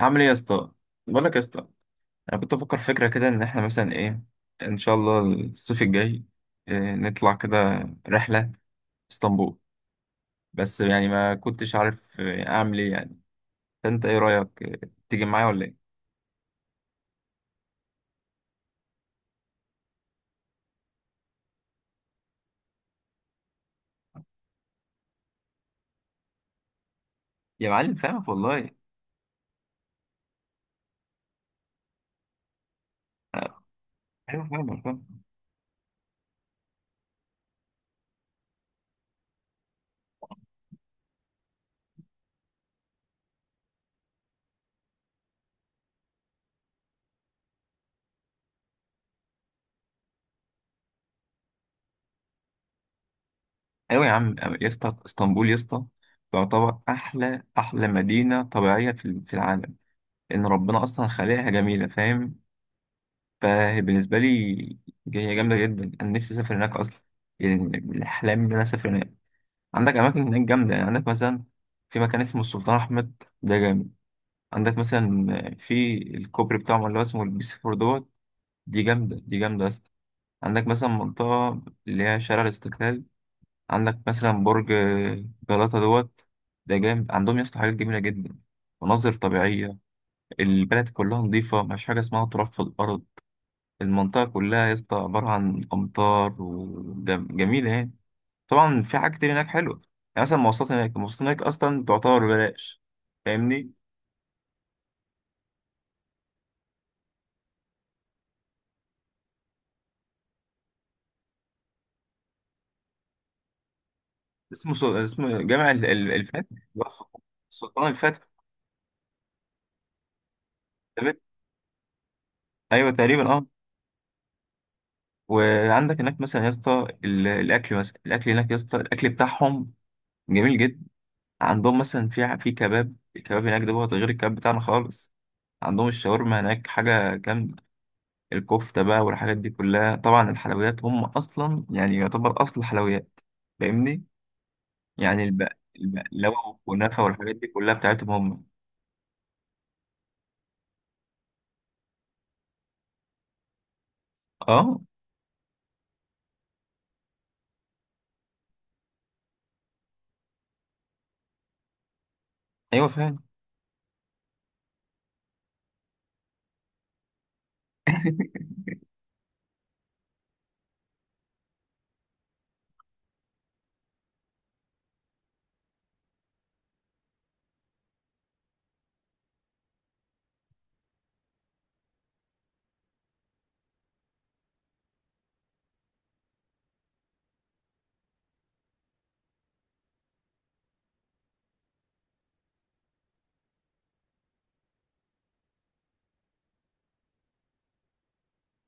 عامل ايه يا اسطى؟ بقول لك يا اسطى، انا كنت بفكر فكره كده ان احنا مثلا ايه، ان شاء الله الصيف الجاي إيه نطلع كده رحله اسطنبول. بس يعني ما كنتش عارف اعمل ايه يعني. فانت ايه رايك، تيجي معايا ولا ايه؟ يا معلم فاهمك والله. أنا- ايوه فاهمك فاهم. ايوه يا عم. يا اسطى اسطنبول يا اسطى تعتبر احلى احلى مدينه طبيعيه في العالم. ان ربنا اصلا خلقها جميله فاهم. فهي بالنسبة لي هي جامدة جدا، أنا نفسي أسافر هناك أصلا. يعني من الأحلام إن أنا أسافر هناك. عندك أماكن هناك جامدة، يعني عندك مثلا في مكان اسمه السلطان أحمد، ده جامد. عندك مثلا في الكوبري بتاعهم اللي هو اسمه البيس فور دوت، دي جامدة، دي جامدة أصلا. عندك مثلا منطقة اللي هي شارع الاستقلال. عندك مثلا برج جلاتا دوت، ده جامد. عندهم يا اسطى حاجات جميلة جدا، مناظر طبيعية. البلد كلها نظيفة، مفيش حاجة اسمها تراب في الأرض. المنطقة كلها يا اسطى عبارة عن أمطار وجميلة يعني. طبعا في حاجات كتير هناك حلوة، يعني مثلا مواصلات هناك، المواصلات هناك أصلا تعتبر ببلاش. فاهمني. اسمه جامع الفاتح اللي هو سلطان، سلطان الفاتح. تمام؟ أيوه تقريبا أه. وعندك هناك مثلا يا اسطى الأكل، مثلا الأكل هناك يا اسطى، الأكل بتاعهم جميل جدا. عندهم مثلا في كباب، الكباب هناك ده غير الكباب بتاعنا خالص. عندهم الشاورما هناك حاجة جامدة. الكفتة بقى والحاجات دي كلها، طبعا الحلويات هم أصلا يعني يعتبر أصل الحلويات. فاهمني. يعني الب- البقلاوة والكنافة والحاجات دي كلها بتاعتهم هم. اه، أيوة فعلا.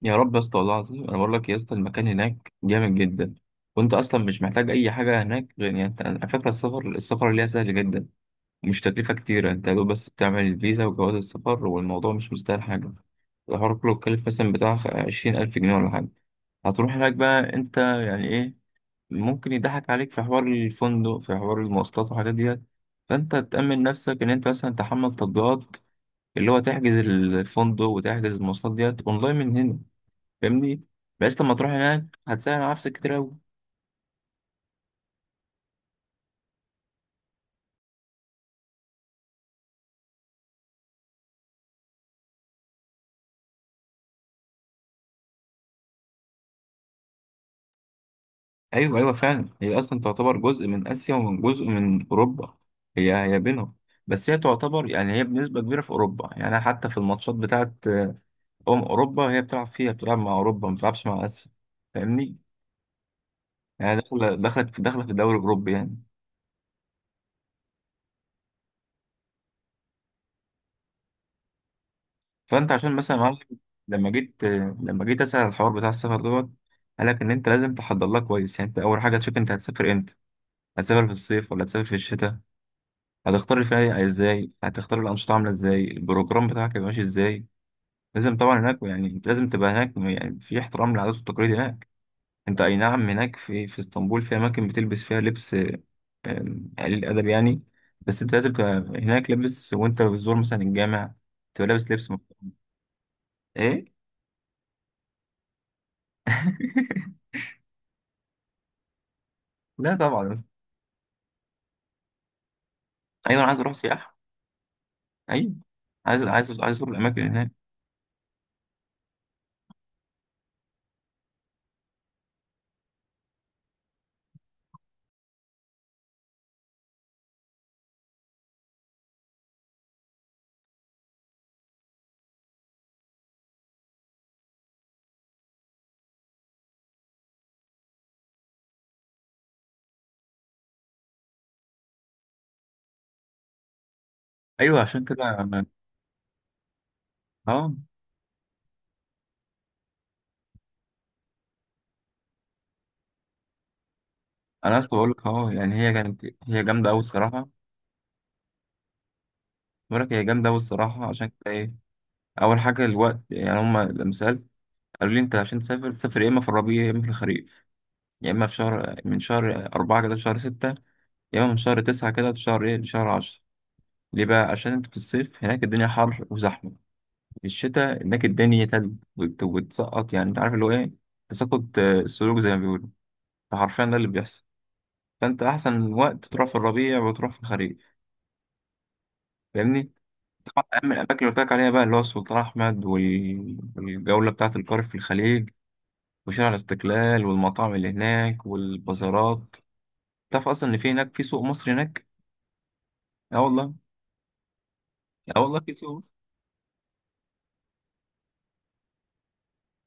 يا رب يا اسطى، والله العظيم أنا بقول لك يا اسطى المكان هناك جامد جدا. وأنت أصلا مش محتاج أي حاجة هناك، غير يعني أنت على فكرة السفر، اللي هي سهل جدا. مش تكلفة كتيرة، أنت يا دوب بس بتعمل الفيزا وجواز السفر، والموضوع مش مستاهل حاجة. الحوار كله اتكلف مثلا بتاع 20,000 جنيه ولا حاجة. هتروح هناك بقى أنت يعني إيه، ممكن يضحك عليك في حوار الفندق، في حوار المواصلات والحاجات ديت. فانت تأمن نفسك ان انت مثلا تحمل تطبيقات اللي هو تحجز الفندق وتحجز المواصلات ديت اونلاين من هنا. فاهمني. بس لما تروح هناك هتسهل على نفسك كتير قوي. ايوه، ايوه فعلا هي اصلا تعتبر جزء من اسيا ومن جزء من اوروبا، هي هي بينهم. بس هي تعتبر يعني هي بنسبة كبيرة في اوروبا. يعني حتى في الماتشات بتاعت اوروبا، هي بتلعب فيها، بتلعب مع اوروبا ما بتلعبش مع اسيا. فاهمني. يعني داخله في الدوري الاوروبي يعني. فانت عشان مثلا يا معلم، لما جيت لما جيت اسال على الحوار بتاع السفر دوت، قال لك ان انت لازم تحضر لها كويس. يعني انت اول حاجه تشوف انت هتسافر امتى، هتسافر في الصيف ولا هتسافر في الشتاء، هتختار الفنادق ازاي، هتختار الانشطه عامله ازاي، البروجرام بتاعك هيبقى ماشي ازاي. لازم طبعا هناك يعني انت لازم تبقى هناك يعني في احترام للعادات والتقاليد هناك. انت اي نعم هناك في اسطنبول في اماكن بتلبس فيها لبس قليل الادب يعني، بس انت لازم تبقى هناك لابس، وانت بتزور مثلا الجامع تبقى لابس لبس. ايه؟ لا طبعا. ايوه انا عايز اروح سياحه، ايوه عايز، عايز اروح الاماكن هناك. ايوه عشان كده انا، اه انا اصلا بقول لك اهو، يعني هي كانت هي جامده قوي الصراحه. بقول لك هي جامده قوي الصراحه، عشان كده ايه اول حاجه الوقت، يعني هم لما سالت قالوا لي انت عشان تسافر، تسافر يا اما في الربيع يا اما في الخريف، يا اما في شهر، من شهر 4 كده لشهر ستة، يا اما من شهر 9 كده لشهر عشرة. ليه بقى؟ عشان انت في الصيف هناك الدنيا حر وزحمه، في الشتاء هناك الدنيا تلج وتسقط، يعني انت عارف اللي هو ايه، تساقط السلوك زي ما بيقولوا. فحرفيا ده اللي بيحصل. فانت احسن وقت تروح في الربيع وتروح في الخريف. فاهمني. طبعا اهم الاماكن اللي قلت لك عليها بقى، اللي هو السلطان احمد والجوله بتاعه القارب في الخليج، وشارع الاستقلال، والمطاعم اللي هناك، والبازارات. تعرف اصلا ان في هناك في سوق مصري هناك؟ اه والله. اه والله في سوق مصري.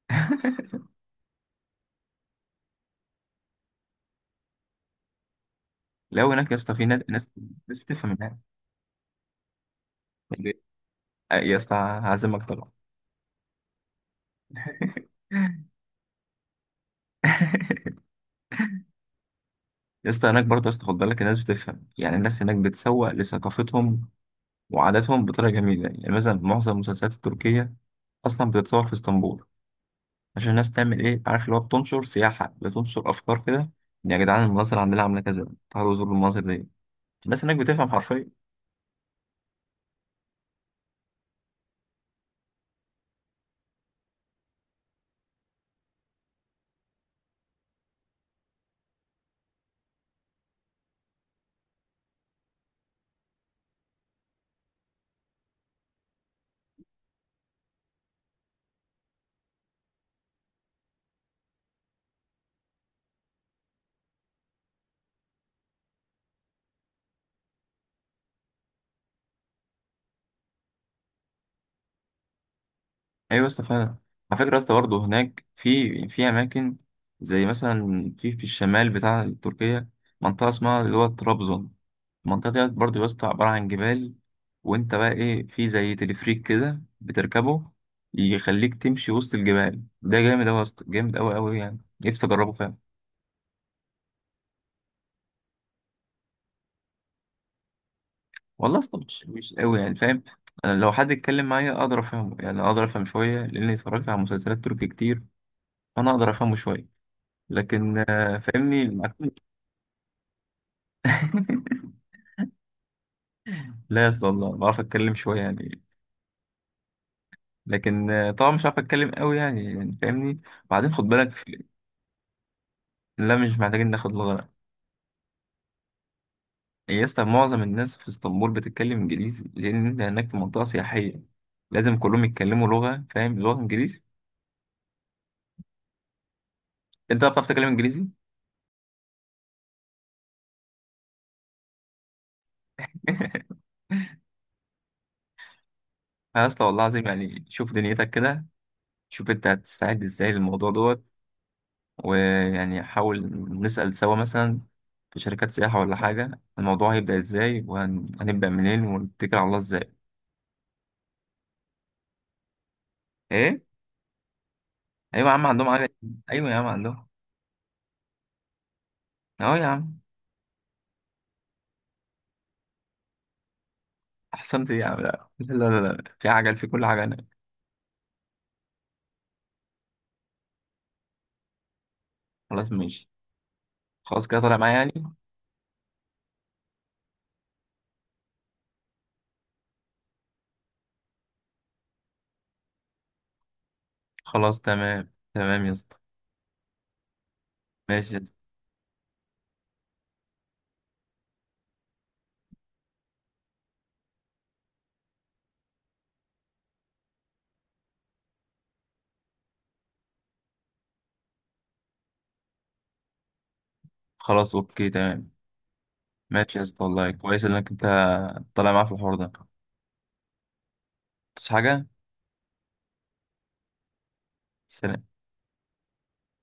لو هناك يا اسطى في ناس ناس بتفهم هناك. يا اسطى هعزمك طبعا. يا اسطى هناك برضه يا اسطى، خد بالك الناس بتفهم، يعني الناس هناك بتسوق لثقافتهم وعاداتهم بطريقة جميلة. يعني مثلا معظم المسلسلات التركية أصلا بتتصور في اسطنبول، عشان الناس تعمل إيه عارف اللي هو، بتنشر سياحة، بتنشر أفكار كده، إن يا جدعان المناظر عندنا عاملة كذا، تعالوا زوروا المناظر دي. الناس هناك بتفهم حرفيا. ايوه يا اسطى فعلا. على فكره يا اسطى برضه هناك في، في اماكن زي مثلا في الشمال بتاع تركيا منطقه اسمها اللي هو طرابزون. المنطقه ديت برضه يا اسطى عباره عن جبال، وانت بقى ايه في زي تلفريك كده بتركبه، يخليك تمشي وسط الجبال. ده جامد اوي يا اسطى، جامد اوي اوي، يعني نفسي اجربه فعلا. والله يا اسطى مش اوي يعني فاهم. انا لو حد اتكلم معايا اقدر افهمه، يعني اقدر افهم شويه لاني اتفرجت على مسلسلات تركي كتير، فانا اقدر افهمه شويه. لكن فاهمني. لا يا اسطى والله بعرف اتكلم شويه يعني. لكن طبعا مش عارف اتكلم قوي يعني، يعني فاهمني. وبعدين خد بالك في... لا مش محتاجين ناخد لغه. يا اسطى معظم الناس في اسطنبول بتتكلم انجليزي، لان انت هناك في منطقه سياحيه لازم كلهم يتكلموا لغه، فاهم، لغه انجليزي. انت بقى بتعرف تتكلم انجليزي؟ يا اسطى والله العظيم، يعني شوف دنيتك كده، شوف انت هتستعد ازاي للموضوع دوت. ويعني حاول نسأل سوا مثلا في شركات سياحة ولا حاجة، الموضوع هيبدأ ازاي وهنبدأ منين ونتكل على الله ازاي. ايه؟ ايوه يا عم عندهم عجل. ايوه يا عم عندهم. اهو يا عم. احسنت إيه يا عم، لا لا لا لا، في عجل في كل حاجه هناك. خلاص ماشي. خلاص كده طالع معايا يعني. خلاص تمام تمام يا اسطى. ماشي يا اسطى. خلاص اوكي تمام. ماشي يا اسطى، والله كويس انك انت طالع معايا في الحوار ده. بس حاجه. سلام.